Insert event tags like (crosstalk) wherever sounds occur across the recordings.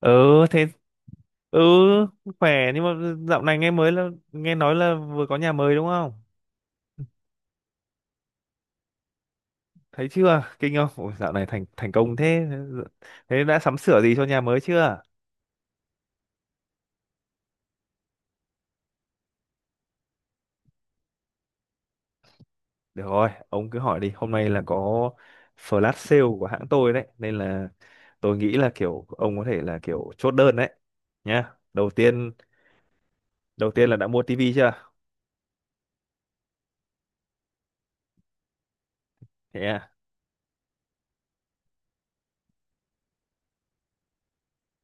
Ừ. Thế. Ừ, khỏe nhưng mà dạo này nghe mới là nghe nói là vừa có nhà mới đúng không? Thấy chưa, kinh không? Ôi, dạo này thành thành công thế. Thế đã sắm sửa gì cho nhà mới chưa? Được rồi, ông cứ hỏi đi, hôm nay là có flash sale của hãng tôi đấy nên là tôi nghĩ là kiểu ông có thể là kiểu chốt đơn đấy nhá. Đầu tiên, đầu tiên là đã mua tivi chưa? Thế à?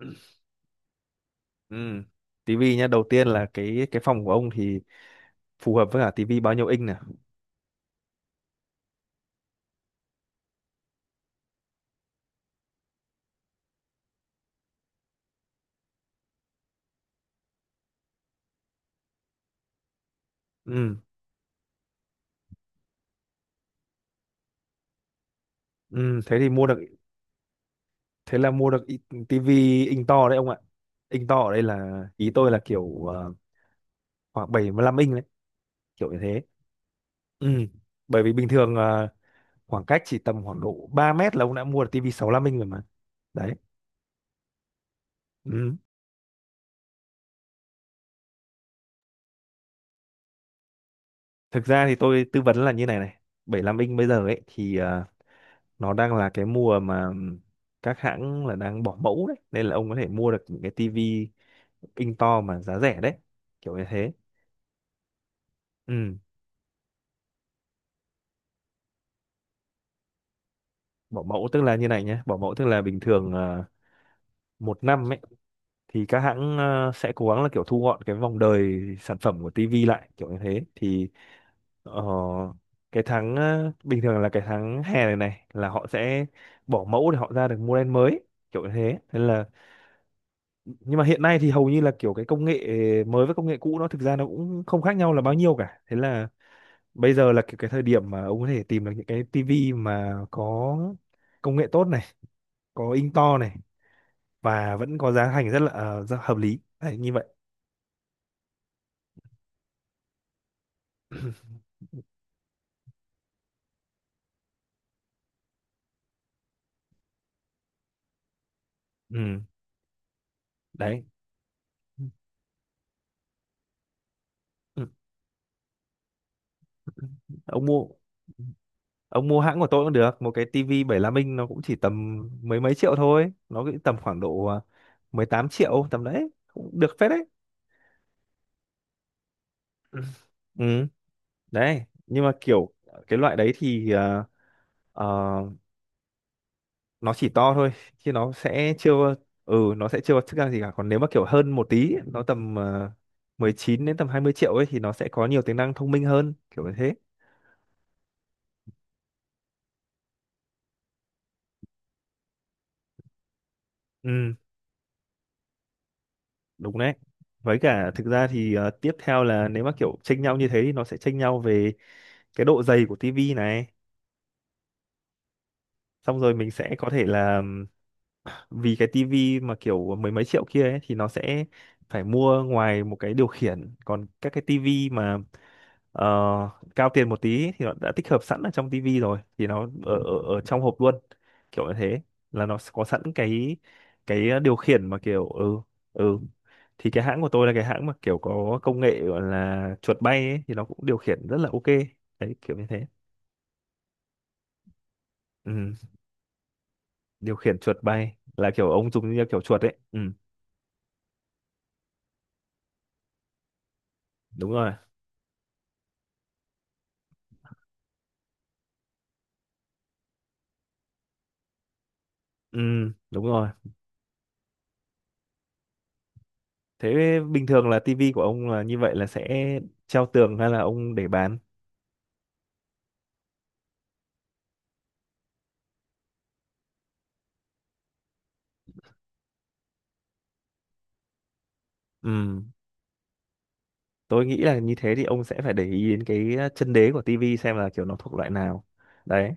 (clears throat) Ừ, tivi nhá. Đầu tiên là cái phòng của ông thì phù hợp với cả tivi bao nhiêu inch nè? Ừ. Ừ, thế thì mua được. Thế là mua được tivi inch to đấy ông ạ. Inch to ở đây là ý tôi là kiểu khoảng 75 inch đấy, kiểu như thế. Ừ. Bởi vì bình thường khoảng cách chỉ tầm khoảng độ 3 mét là ông đã mua được tivi 65 inch rồi mà, đấy. Ừ. Thực ra thì tôi tư vấn là như này này. Bảy mươi lăm inch bây giờ ấy thì nó đang là cái mùa mà các hãng là đang bỏ mẫu đấy nên là ông có thể mua được những cái tivi inch to mà giá rẻ đấy, kiểu như thế. Ừ. Bỏ mẫu tức là như này nhé. Bỏ mẫu tức là bình thường 1 năm ấy thì các hãng sẽ cố gắng là kiểu thu gọn cái vòng đời sản phẩm của TV lại kiểu như thế thì ờ, cái tháng bình thường là cái tháng hè này này là họ sẽ bỏ mẫu để họ ra được model mới, kiểu như thế nên là. Nhưng mà hiện nay thì hầu như là kiểu cái công nghệ mới với công nghệ cũ nó thực ra nó cũng không khác nhau là bao nhiêu cả, thế là bây giờ là kiểu cái thời điểm mà ông có thể tìm được những cái TV mà có công nghệ tốt này, có in to này, và vẫn có giá thành rất là rất hợp lý. Đấy, như vậy. Ừ. Đấy. Ừ. ông mua ông mua hãng của tôi cũng được, một cái tivi 75 inch nó cũng chỉ tầm mấy mấy triệu thôi, nó cũng tầm khoảng độ 18 triệu tầm đấy, cũng được phết đấy. Ừ. Ừ. Đấy nhưng mà kiểu cái loại đấy thì ờ, nó chỉ to thôi chứ nó sẽ chưa. Ừ, nó sẽ chưa có chức năng gì cả. Còn nếu mà kiểu hơn một tí nó tầm 19 đến tầm 20 triệu ấy thì nó sẽ có nhiều tính năng thông minh hơn, kiểu như thế. Ừ, đúng đấy. Với cả thực ra thì tiếp theo là nếu mà kiểu chênh nhau như thế thì nó sẽ chênh nhau về cái độ dày của tivi này. Xong rồi mình sẽ có thể là vì cái tivi mà kiểu mười mấy triệu kia ấy, thì nó sẽ phải mua ngoài một cái điều khiển, còn các cái tivi mà ờ, cao tiền một tí thì nó đã tích hợp sẵn ở trong tivi rồi thì nó ở, ở ở trong hộp luôn, kiểu như thế, là nó có sẵn cái điều khiển mà kiểu ừ. Ừ thì cái hãng của tôi là cái hãng mà kiểu có công nghệ gọi là chuột bay ấy, thì nó cũng điều khiển rất là ok đấy, kiểu như thế. Ừ. Điều khiển chuột bay là kiểu ông dùng như kiểu chuột ấy. Ừ, đúng rồi. Ừ, đúng rồi. Thế bình thường là tivi của ông là như vậy là sẽ treo tường hay là ông để bán? Ừ, tôi nghĩ là như thế thì ông sẽ phải để ý đến cái chân đế của tivi xem là kiểu nó thuộc loại nào, đấy.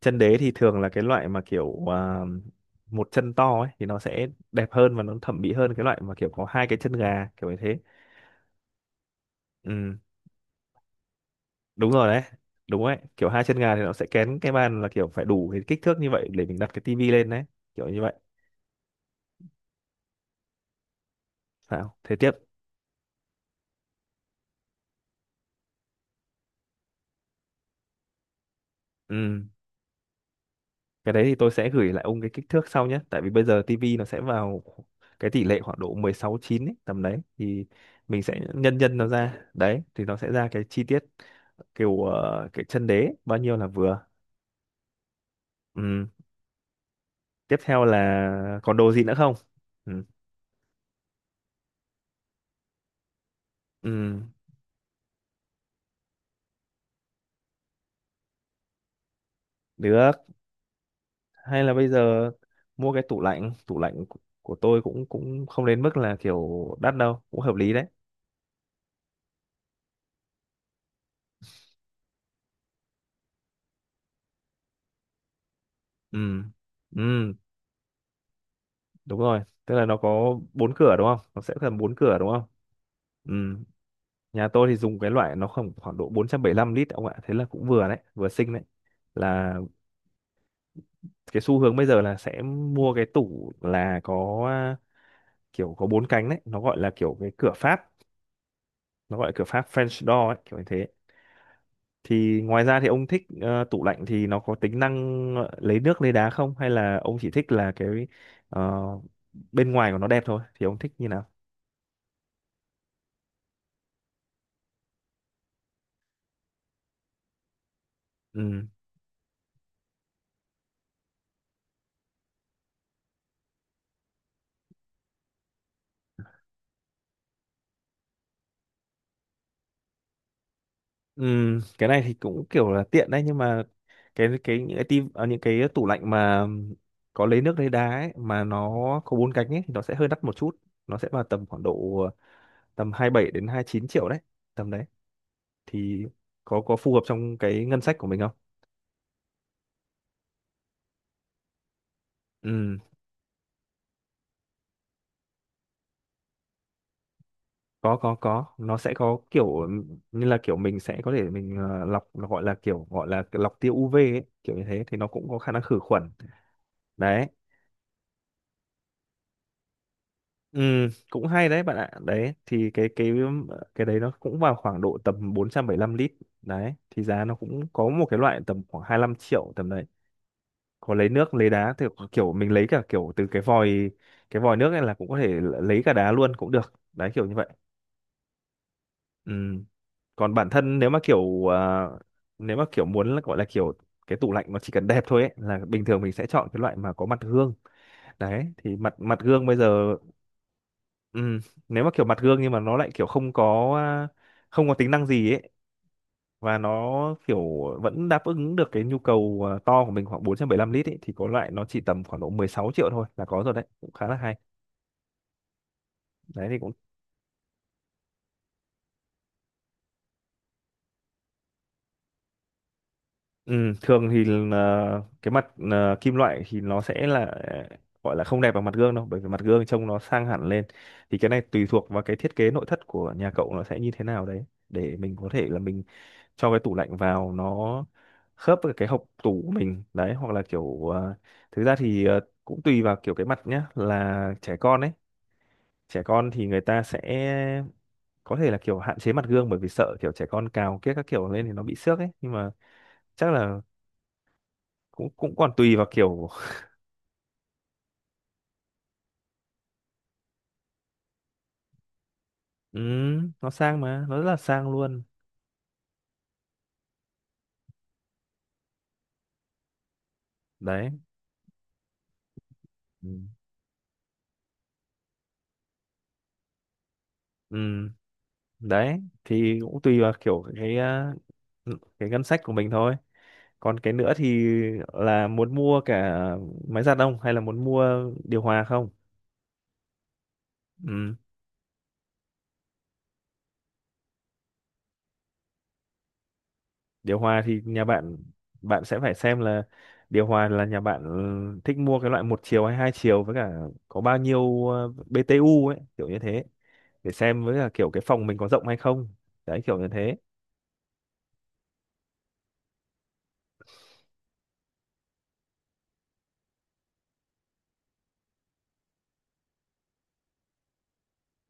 Chân đế thì thường là cái loại mà kiểu một chân to ấy thì nó sẽ đẹp hơn và nó thẩm mỹ hơn cái loại mà kiểu có hai cái chân gà, kiểu như thế. Ừ, đúng rồi đấy, đúng đấy. Kiểu hai chân gà thì nó sẽ kén cái bàn là kiểu phải đủ cái kích thước như vậy để mình đặt cái tivi lên đấy, kiểu như vậy. Sao thế tiếp? Ừ, cái đấy thì tôi sẽ gửi lại ông cái kích thước sau nhé, tại vì bây giờ tivi nó sẽ vào cái tỷ lệ khoảng độ 16 9 ấy, tầm đấy thì mình sẽ nhân nhân nó ra đấy thì nó sẽ ra cái chi tiết kiểu cái chân đế bao nhiêu là vừa. Ừ. Tiếp theo là còn đồ gì nữa không? Ừ. Ừ, được. Hay là bây giờ mua cái tủ lạnh. Tủ lạnh của tôi cũng cũng không đến mức là kiểu đắt đâu, cũng hợp lý đấy. Ừ. Ừ, đúng rồi, tức là nó có bốn cửa đúng không, nó sẽ cần bốn cửa đúng không. Ừ. Nhà tôi thì dùng cái loại nó khoảng khoảng độ 475 lít ông ạ, thế là cũng vừa đấy, vừa xinh đấy. Là cái xu hướng bây giờ là sẽ mua cái tủ là có kiểu có bốn cánh đấy, nó gọi là kiểu cái cửa Pháp, nó gọi là cửa Pháp French door ấy, kiểu như thế. Thì ngoài ra thì ông thích tủ lạnh thì nó có tính năng lấy nước lấy đá không, hay là ông chỉ thích là cái ờ, bên ngoài của nó đẹp thôi, thì ông thích như nào? Ừ. Cái này thì cũng kiểu là tiện đấy nhưng mà cái những cái tim à, những cái tủ lạnh mà có lấy nước lấy đá ấy, mà nó có bốn cánh ấy thì nó sẽ hơi đắt một chút, nó sẽ vào tầm khoảng độ tầm 27 đến 29 triệu đấy, tầm đấy thì có phù hợp trong cái ngân sách của mình không? Ừm, có có, nó sẽ có kiểu như là kiểu mình sẽ có thể mình lọc, nó gọi là kiểu gọi là lọc tia UV ấy, kiểu như thế thì nó cũng có khả năng khử khuẩn, đấy. Ừ, cũng hay đấy bạn ạ. Đấy thì cái cái đấy nó cũng vào khoảng độ tầm 475 lít. Đấy thì giá nó cũng có một cái loại tầm khoảng 25 triệu tầm đấy. Có lấy nước, lấy đá thì kiểu mình lấy cả kiểu từ cái vòi, cái vòi nước này là cũng có thể l- lấy cả đá luôn cũng được. Đấy, kiểu như vậy. Ừ. Còn bản thân nếu mà kiểu nếu mà kiểu muốn là gọi là kiểu cái tủ lạnh nó chỉ cần đẹp thôi ấy, là bình thường mình sẽ chọn cái loại mà có mặt gương. Đấy thì mặt mặt gương bây giờ. Ừ, nếu mà kiểu mặt gương nhưng mà nó lại kiểu không có không có tính năng gì ấy và nó kiểu vẫn đáp ứng được cái nhu cầu à, to của mình khoảng 475 lít ấy thì có loại nó chỉ tầm khoảng độ 16 triệu thôi là có rồi đấy, cũng khá là hay. Đấy thì cũng. Ừ, thường thì là cái mặt kim loại thì nó sẽ là gọi là không đẹp bằng mặt gương đâu, bởi vì mặt gương trông nó sang hẳn lên. Thì cái này tùy thuộc vào cái thiết kế nội thất của nhà cậu nó sẽ như thế nào đấy, để mình có thể là mình cho cái tủ lạnh vào nó khớp với cái hộc tủ của mình đấy, hoặc là kiểu thực ra thì cũng tùy vào kiểu cái mặt nhá, là trẻ con ấy. Trẻ con thì người ta sẽ có thể là kiểu hạn chế mặt gương, bởi vì sợ kiểu trẻ con cào kiếc các kiểu lên thì nó bị xước ấy, nhưng mà chắc là cũng cũng còn tùy vào kiểu. (laughs) Ừ, nó sang mà nó rất là sang luôn, đấy. Ừ. Ừ. Đấy thì cũng tùy vào kiểu cái cái ngân sách của mình thôi. Còn cái nữa thì là muốn mua cả máy giặt không hay là muốn mua điều hòa không? Ừ. Điều hòa thì nhà bạn, bạn sẽ phải xem là điều hòa là nhà bạn ừ, thích mua cái loại một chiều hay hai chiều, với cả có bao nhiêu BTU ấy, kiểu như thế, để xem với cả kiểu cái phòng mình có rộng hay không, đấy, kiểu như thế.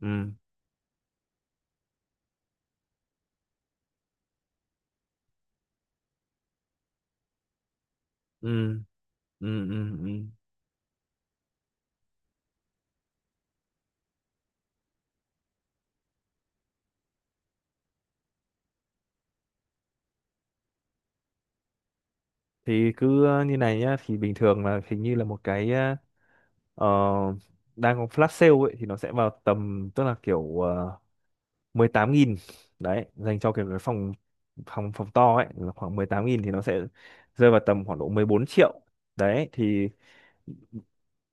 Ừ. Ừ. Ừ. Ừ. Ừ. Thì cứ như này nhá, thì bình thường là hình như là một cái ờ, đang có flash sale ấy thì nó sẽ vào tầm, tức là kiểu 18 nghìn đấy, dành cho kiểu cái phòng, phòng to ấy là khoảng 18 nghìn thì nó sẽ rơi vào tầm khoảng độ 14 triệu đấy thì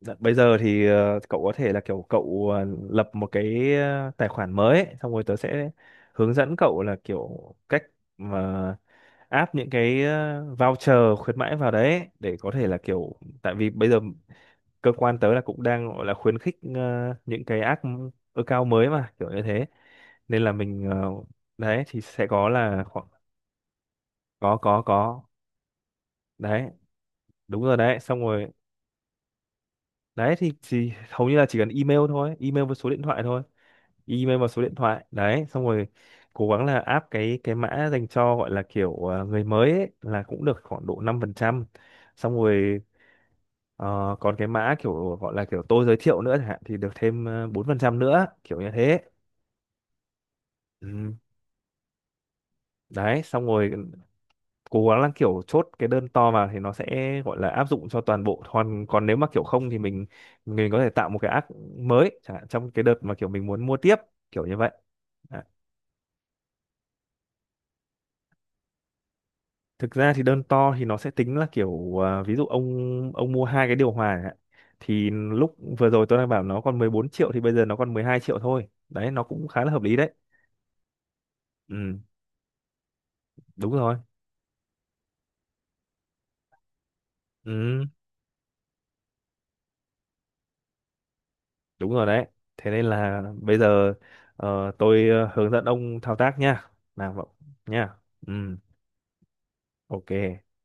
đ- bây giờ thì cậu có thể là kiểu cậu lập một cái tài khoản mới ấy, xong rồi tớ sẽ hướng dẫn cậu là kiểu cách mà áp những cái voucher khuyến mãi vào đấy ấy, để có thể là kiểu tại vì bây giờ cơ quan tớ là cũng đang gọi là khuyến khích những cái app ừ, account mới mà kiểu như thế nên là mình đấy thì sẽ có là khoảng. Có có có. Đấy, đúng rồi đấy, xong rồi. Đấy thì chỉ hầu như là chỉ cần email thôi, email với số điện thoại thôi. Email và số điện thoại, đấy xong rồi cố gắng là áp cái mã dành cho gọi là kiểu người mới ấy, là cũng được khoảng độ 5%. Xong rồi còn cái mã kiểu gọi là kiểu tôi giới thiệu nữa chẳng hạn thì được thêm 4% nữa, kiểu như thế. Ừ. Đấy xong rồi, cố gắng là kiểu chốt cái đơn to vào thì nó sẽ gọi là áp dụng cho toàn bộ, còn còn nếu mà kiểu không thì mình có thể tạo một cái app mới chẳng hạn trong cái đợt mà kiểu mình muốn mua tiếp, kiểu như vậy. Đấy. Thực ra thì đơn to thì nó sẽ tính là kiểu ví dụ ông mua hai cái điều hòa chẳng hạn. Thì lúc vừa rồi tôi đang bảo nó còn 14 triệu thì bây giờ nó còn 12 triệu thôi, đấy, nó cũng khá là hợp lý đấy. Ừ, đúng rồi. Ừ, đúng rồi đấy. Thế nên là bây giờ tôi hướng dẫn ông thao tác nha. Nào, vậy nha. Ừ. Ok.